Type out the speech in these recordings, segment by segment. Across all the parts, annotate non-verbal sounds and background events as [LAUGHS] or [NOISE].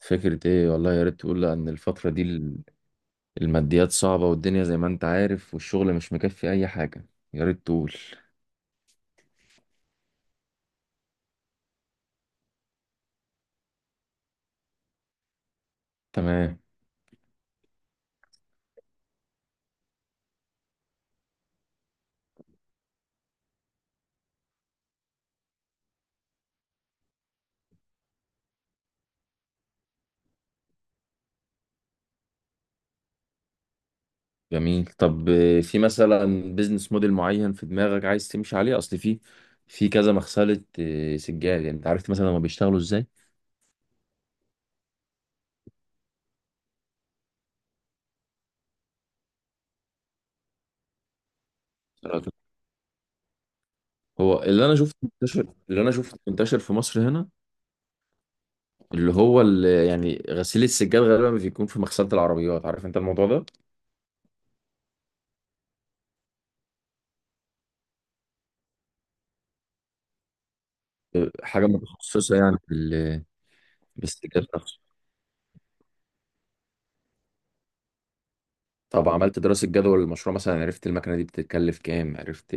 فكرة ايه؟ والله يا ريت تقول. ان الفترة دي الماديات صعبة والدنيا زي ما انت عارف، والشغل مش مكفي اي حاجة. يا ريت تقول. تمام. جميل. طب في مثلا بيزنس موديل معين في دماغك عايز تمشي عليه؟ اصل في كذا مغسلة سجاد، يعني انت عرفت مثلا هما بيشتغلوا ازاي؟ هو اللي انا شفته منتشر في مصر هنا، اللي يعني غسيل السجاد غالبا بيكون في مغسلة العربيات، عارف انت الموضوع ده؟ حاجة متخصصة يعني، في السجاد نفسه. طب عملت دراسة جدوى للمشروع مثلا؟ عرفت المكنة دي بتتكلف كام؟ عرفت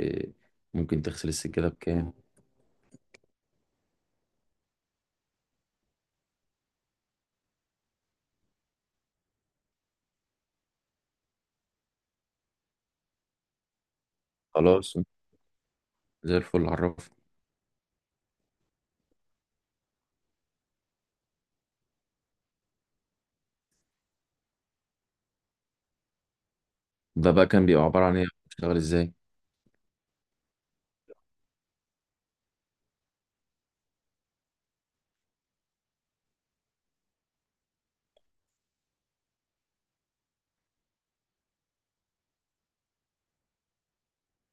ممكن تغسل السجادة بكام؟ خلاص زي الفل. عرفت ده بقى كان بيبقى عبارة عن ايه؟ بتشتغل ازاي؟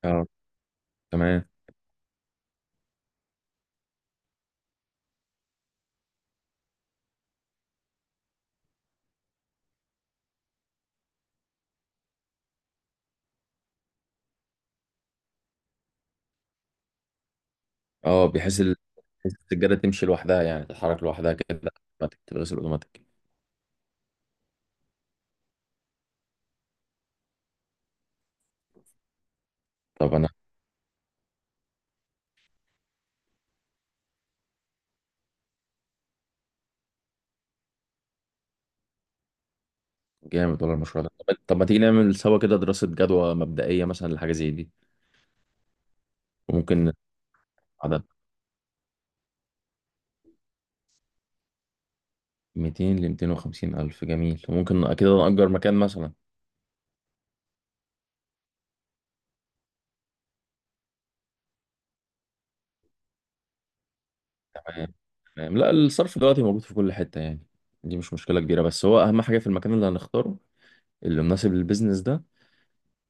اه. تمام. اه. بحيث بحيث السجادة تمشي لوحدها، يعني تتحرك لوحدها كده اوتوماتيك، تتغسل اوتوماتيك. طب انا. جامد ولا المشروع ده. طب ما تيجي نعمل سوا كده دراسة جدوى مبدئية مثلا لحاجة زي دي. وممكن عدد 200 ل 250 ألف. جميل، وممكن أكيد نأجر مكان مثلا. تمام. تمام. لا الصرف دلوقتي موجود في كل حتة يعني، دي مش مشكلة كبيرة. بس هو أهم حاجة في المكان اللي هنختاره، اللي مناسب للبيزنس ده.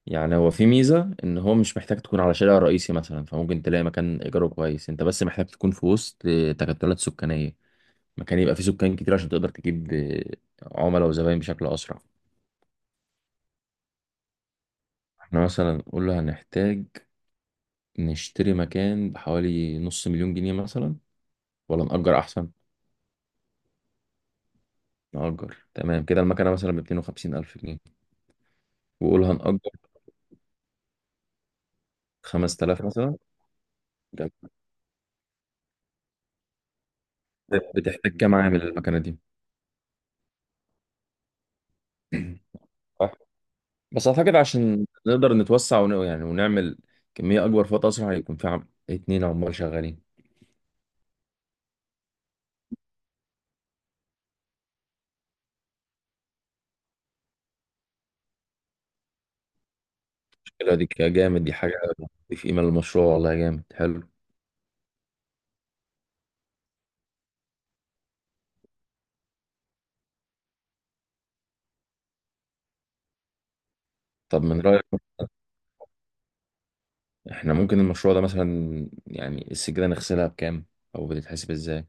يعني هو في ميزة إن هو مش محتاج تكون على شارع رئيسي مثلا، فممكن تلاقي مكان إيجاره كويس. أنت بس محتاج تكون في وسط تكتلات سكانية، مكان يبقى فيه سكان كتير عشان تقدر تجيب عملاء وزباين بشكل أسرع. احنا مثلا قلنا هنحتاج نشتري مكان بحوالي نص مليون جنيه مثلا، ولا نأجر أحسن؟ نأجر. تمام كده المكنة مثلا ب 250 ألف جنيه، وقول هنأجر 5000 مثلا. جميل. بتحتاج كام عامل المكنة دي؟ صح. بس أعتقد عشان نقدر نتوسع يعني ونعمل كمية أكبر في وقت أسرع، هيكون في اتنين عمال شغالين. المشكلة دي كده جامد، دي حاجة في قيمة للمشروع. والله جامد حلو. طب من رأيك إحنا ممكن المشروع ده مثلا، يعني السجادة نغسلها بكام؟ أو بتتحسب إزاي؟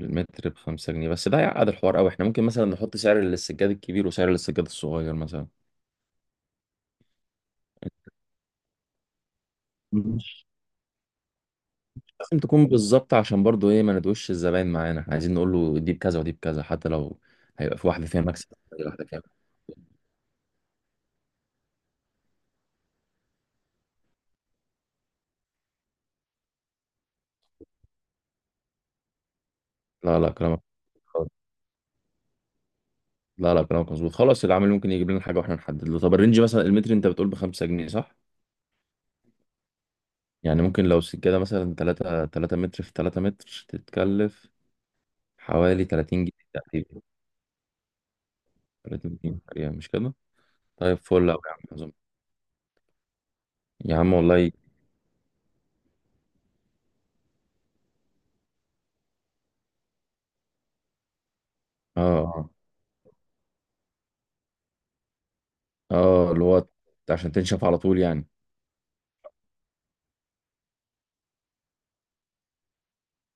المتر بخمسة جنيه بس ده هيعقد الحوار أوي. إحنا ممكن مثلا نحط سعر للسجاد الكبير وسعر للسجاد الصغير مثلا. لازم تكون بالظبط، عشان برضو ايه ما ندوش الزباين معانا. احنا عايزين نقول له دي بكذا ودي بكذا، حتى لو هيبقى في واحده فيها مكسب، هي واحده فيها. لا لا كلامك لا لا كلامك مظبوط. خلاص العامل ممكن يجيب لنا حاجه واحنا نحدد له. طب الرينج مثلا المتر انت بتقول ب 5 جنيه، صح؟ يعني ممكن لو سجاده مثلا 3 3 متر في 3 متر، تتكلف حوالي 30 جنيه تقريبا. 30 جنيه تقريبا، مش كده؟ طيب فل قوي يا عم، عظيم. يا عم والله. اه. اه. اللي هو عشان تنشف على طول يعني.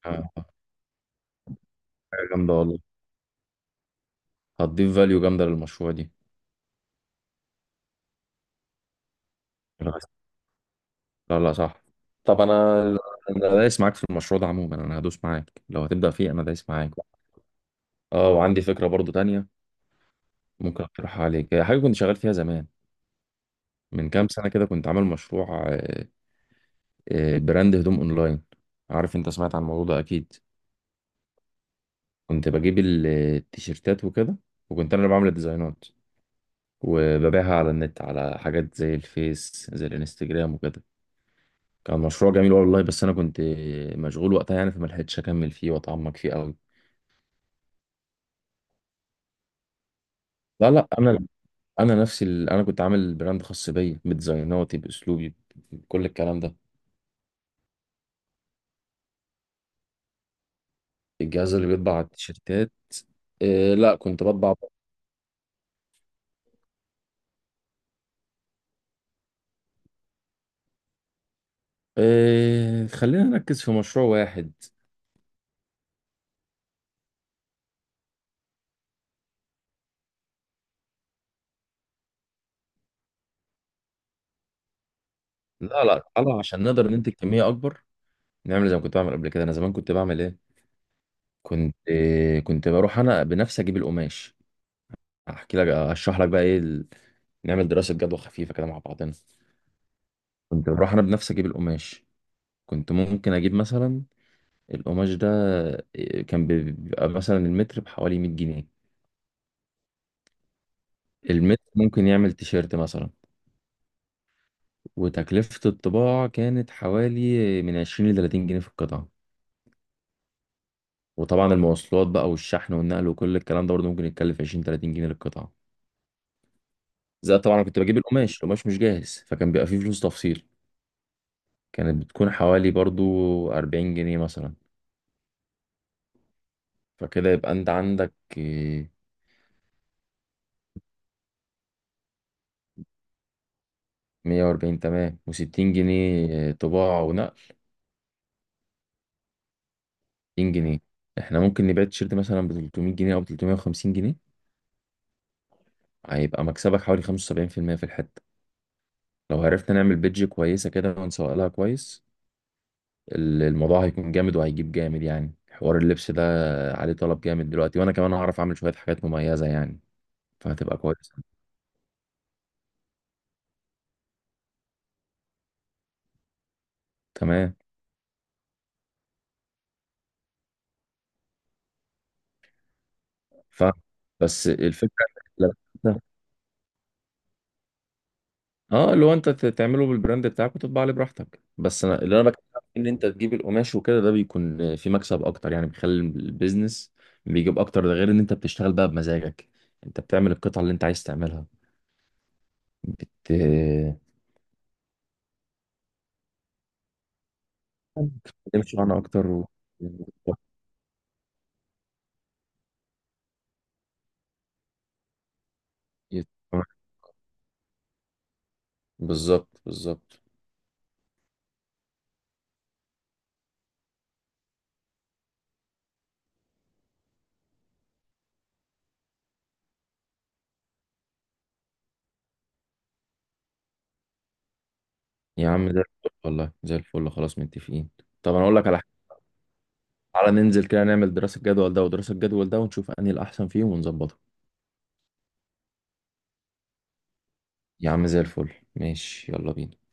اه. حاجه جامده والله، هتضيف فاليو جامدة للمشروع دي. لا. لا لا صح. طب انا. انا دايس معاك في المشروع ده عموما، انا هدوس معاك لو هتبدأ فيه، انا دايس معاك. اه، وعندي فكرة برضو تانية ممكن اقترحها عليك. هي حاجة كنت شغال فيها زمان، من كام سنة كده. كنت عامل مشروع براند هدوم اونلاين، عارف انت، سمعت عن الموضوع ده اكيد. كنت بجيب التيشيرتات وكده، وكنت انا اللي بعمل الديزاينات وببيعها على النت، على حاجات زي الفيس زي الانستجرام وكده. كان مشروع جميل والله، بس انا كنت مشغول وقتها يعني فما لحقتش اكمل فيه واتعمق فيه قوي. لا لا، انا نفسي انا كنت عامل براند خاص بيا، بديزايناتي، باسلوبي، بكل الكلام ده. الجهاز اللي بيطبع على التيشيرتات. إيه لا كنت بطبع. إيه خلينا نركز في مشروع واحد. لا لا تعالى، عشان نقدر ننتج كمية اكبر نعمل زي ما كنت بعمل قبل كده. انا زمان كنت بعمل ايه؟ كنت إيه، كنت بروح انا بنفسي اجيب القماش. احكي لك، اشرح لك بقى ايه نعمل دراسة جدوى خفيفة كده مع بعضنا. كنت بروح انا بنفسي اجيب القماش، كنت ممكن اجيب مثلا القماش ده كان بيبقى مثلا المتر بحوالي 100 جنيه. المتر ممكن يعمل تيشيرت مثلا، وتكلفة الطباعة كانت حوالي من 20 ل 30 جنيه في القطعة. وطبعا المواصلات بقى والشحن والنقل وكل الكلام ده برضه ممكن يتكلف 20 30 جنيه للقطعة. زائد طبعا أنا كنت بجيب القماش، القماش مش جاهز، فكان بيبقى فيه فلوس تفصيل، كانت بتكون حوالي برضه 40 جنيه مثلا. فكده يبقى انت عندك 140، تمام، و60 جنيه طباعة ونقل، 60 جنيه. احنا ممكن نبيع التيشيرت مثلا ب 300 جنيه او ب 350 جنيه، هيبقى مكسبك حوالي 75% في المية في الحتة. لو عرفنا نعمل بيدج كويسة كده ونسوق لها كويس، الموضوع هيكون جامد، وهيجيب جامد يعني. حوار اللبس ده عليه طلب جامد دلوقتي، وانا كمان هعرف اعمل شوية حاجات مميزة يعني، فهتبقى كويسة. تمام. ف بس الفكرة. اه اللي هو انت تعمله بالبراند بتاعك وتطبع عليه براحتك. بس انا اللي انا بكلمك ان انت تجيب القماش وكده، ده بيكون في مكسب اكتر يعني، بيخلي البيزنس بيجيب اكتر. ده غير ان انت بتشتغل بقى بمزاجك، انت بتعمل القطعة اللي انت عايز تعملها بت بتمشي معانا اكتر و... [LAUGHS] بالظبط بالظبط. يا عم ده والله زي الفل، خلاص متفقين. طب انا اقول لك على حاجه، تعالى ننزل كده نعمل دراسة جدول ده ودراسة جدول ده، ونشوف انهي الاحسن فيهم ونظبطه. يا عم زي الفل ماشي. يلا بينا.